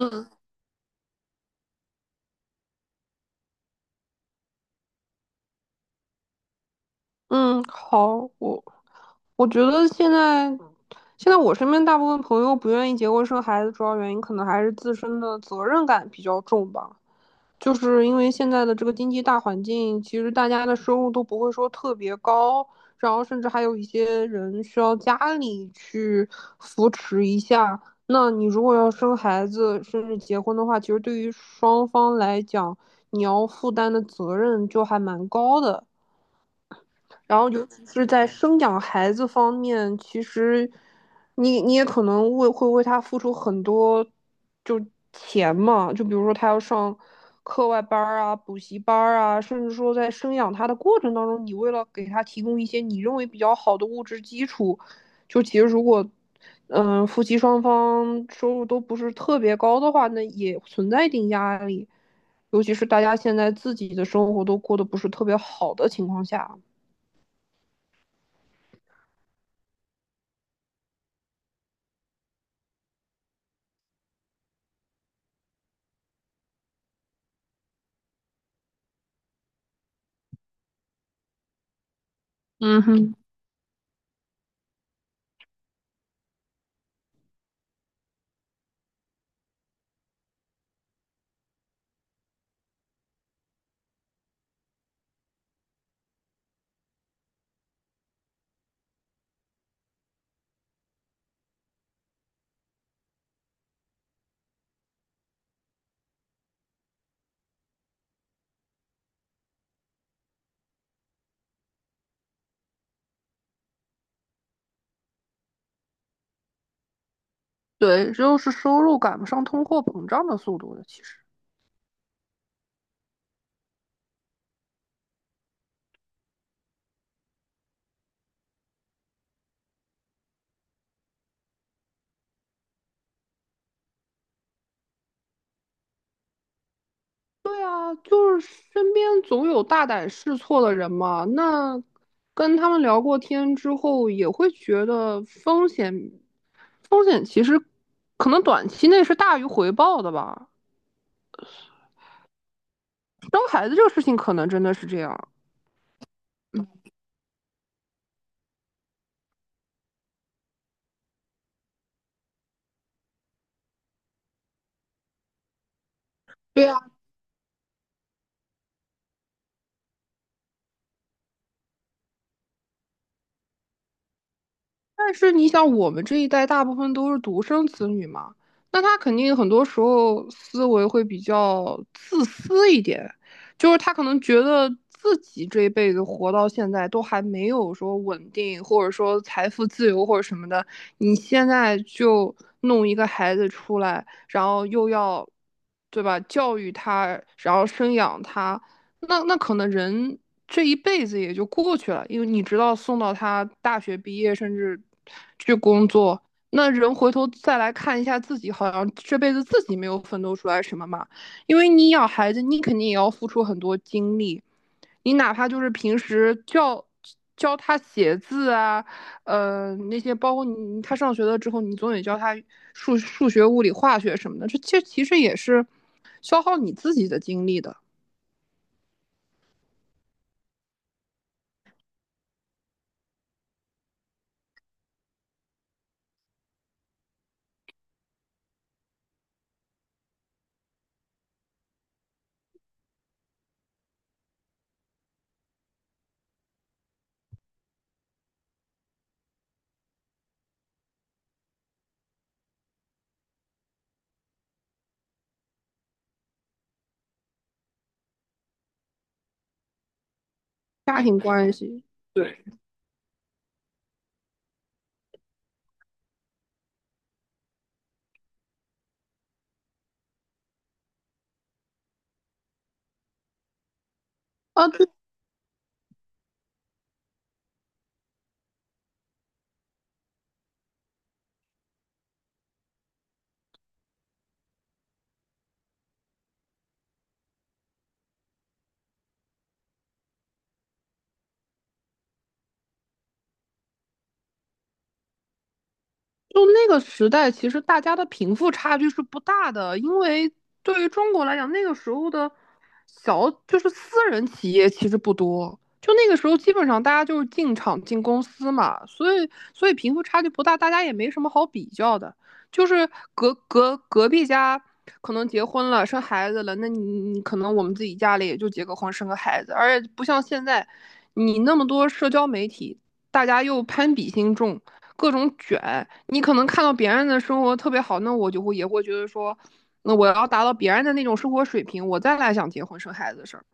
嗯嗯，好，我觉得现在我身边大部分朋友不愿意结婚生孩子，主要原因可能还是自身的责任感比较重吧。就是因为现在的这个经济大环境，其实大家的收入都不会说特别高，然后甚至还有一些人需要家里去扶持一下。那你如果要生孩子，甚至结婚的话，其实对于双方来讲，你要负担的责任就还蛮高的。然后尤其是在生养孩子方面，其实你也可能会为他付出很多，就钱嘛，就比如说他要上课外班儿啊、补习班儿啊，甚至说在生养他的过程当中，你为了给他提供一些你认为比较好的物质基础，就其实如果夫妻双方收入都不是特别高的话，那也存在一定压力，尤其是大家现在自己的生活都过得不是特别好的情况下。嗯哼，对，就是收入赶不上通货膨胀的速度的，其实。对啊，就是身边总有大胆试错的人嘛。那跟他们聊过天之后，也会觉得风险其实可能短期内是大于回报的吧。生孩子这个事情，可能真的是这样。对呀。但是你想，我们这一代大部分都是独生子女嘛，那他肯定很多时候思维会比较自私一点，就是他可能觉得自己这一辈子活到现在都还没有说稳定，或者说财富自由或者什么的，你现在就弄一个孩子出来，然后又要，对吧，教育他，然后生养他。那可能人这一辈子也就过去了，因为你直到送到他大学毕业，甚至去工作，那人回头再来看一下自己，好像这辈子自己没有奋斗出来什么嘛。因为你养孩子，你肯定也要付出很多精力，你哪怕就是平时教教他写字啊，那些包括你他上学了之后，你总得教他数学、物理、化学什么的，这其实也是消耗你自己的精力的。家庭关系。对，啊，就那个时代，其实大家的贫富差距是不大的，因为对于中国来讲，那个时候的小就是私人企业其实不多，就那个时候基本上大家就是进厂进公司嘛，所以贫富差距不大，大家也没什么好比较的。就是隔壁家可能结婚了，生孩子了，那你可能我们自己家里也就结个婚，生个孩子，而且不像现在，你那么多社交媒体，大家又攀比心重，各种卷，你可能看到别人的生活特别好，那我就会也会觉得说，那我要达到别人的那种生活水平，我再来想结婚生孩子的事儿。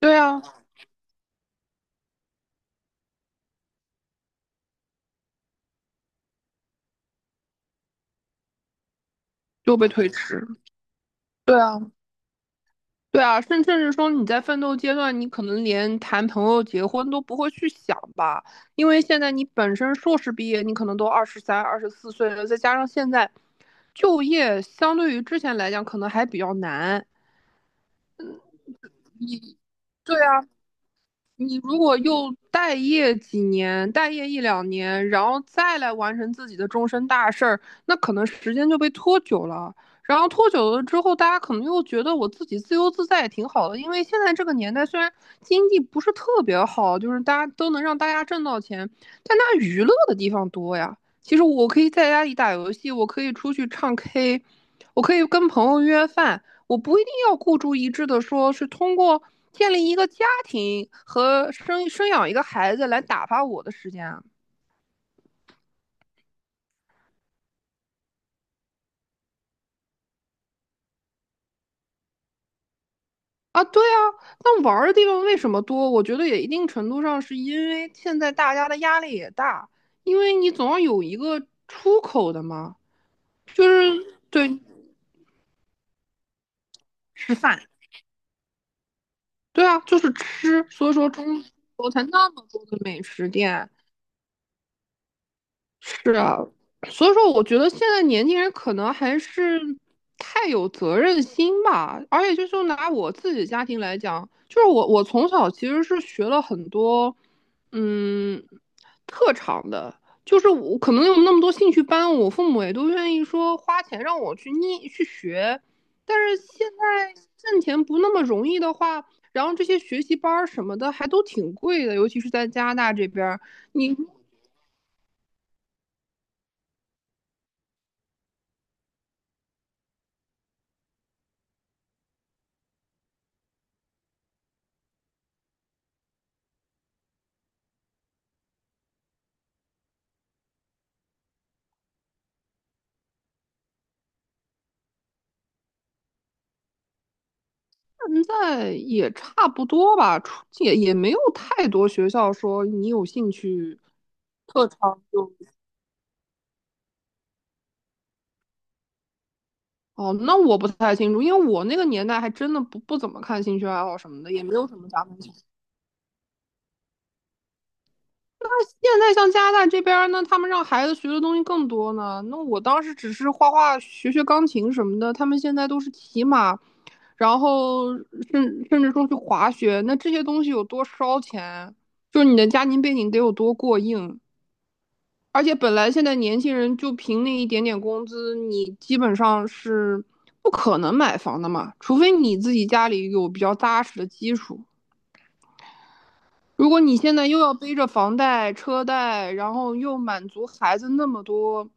对啊，就被推迟。对啊，对啊，甚至说你在奋斗阶段，你可能连谈朋友、结婚都不会去想吧，因为现在你本身硕士毕业，你可能都23、24岁了，再加上现在就业相对于之前来讲，可能还比较难。你对啊，你如果又待业几年，待业一两年，然后再来完成自己的终身大事儿，那可能时间就被拖久了。然后拖久了之后，大家可能又觉得我自己自由自在也挺好的，因为现在这个年代虽然经济不是特别好，就是大家都能让大家挣到钱，但大家娱乐的地方多呀。其实我可以在家里打游戏，我可以出去唱 K，我可以跟朋友约饭。我不一定要孤注一掷的说是通过建立一个家庭和生养一个孩子来打发我的时间啊。啊，对啊，那玩的地方为什么多？我觉得也一定程度上是因为现在大家的压力也大，因为你总要有一个出口的嘛，就是对吃饭，对啊，就是吃，所以说中国才那么多的美食店，是啊，所以说我觉得现在年轻人可能还是太有责任心吧，而且就是拿我自己家庭来讲，就是我从小其实是学了很多，嗯，特长的，就是我可能有那么多兴趣班，我父母也都愿意说花钱让我去念去学，但是现在挣钱不那么容易的话，然后这些学习班儿什么的还都挺贵的，尤其是在加拿大这边儿你现在也差不多吧，也没有太多学校说你有兴趣特长哦，那我不太清楚，因为我那个年代还真的不怎么看兴趣爱好什么的，也没有什么加分项。现在像加拿大这边儿呢，他们让孩子学的东西更多呢。那我当时只是画画、学学钢琴什么的，他们现在都是骑马，然后甚至说去滑雪，那这些东西有多烧钱？就是你的家庭背景得有多过硬？而且本来现在年轻人就凭那一点点工资，你基本上是不可能买房的嘛，除非你自己家里有比较扎实的基础。如果你现在又要背着房贷、车贷，然后又满足孩子那么多、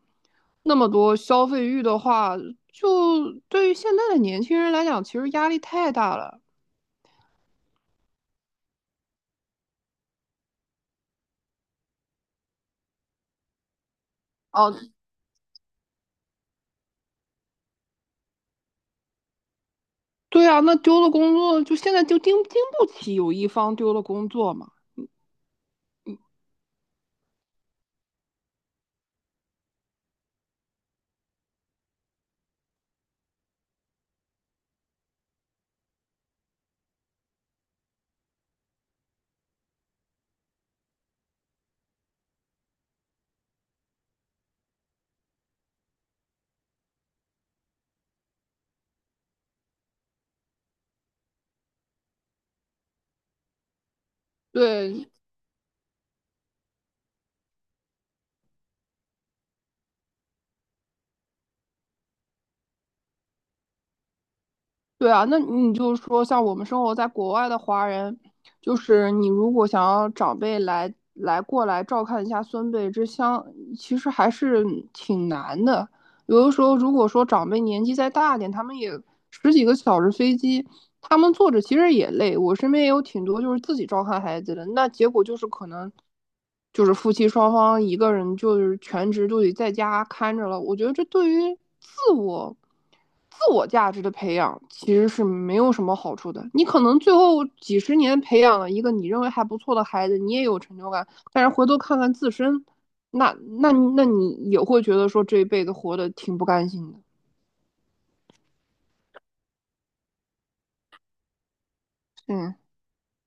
那么多消费欲的话，就对于现在的年轻人来讲，其实压力太大了。哦，对啊，那丢了工作，就现在就盯不起有一方丢了工作嘛。对，对啊，那你就是说，像我们生活在国外的华人，就是你如果想要长辈过来照看一下孙辈这相其实还是挺难的。有的时候，如果说长辈年纪再大点，他们也十几个小时飞机，他们坐着其实也累。我身边也有挺多就是自己照看孩子的，那结果就是可能就是夫妻双方一个人就是全职就得在家看着了。我觉得这对于自我、自我价值的培养其实是没有什么好处的。你可能最后几十年培养了一个你认为还不错的孩子，你也有成就感，但是回头看看自身，那那你也会觉得说这一辈子活得挺不甘心的。嗯。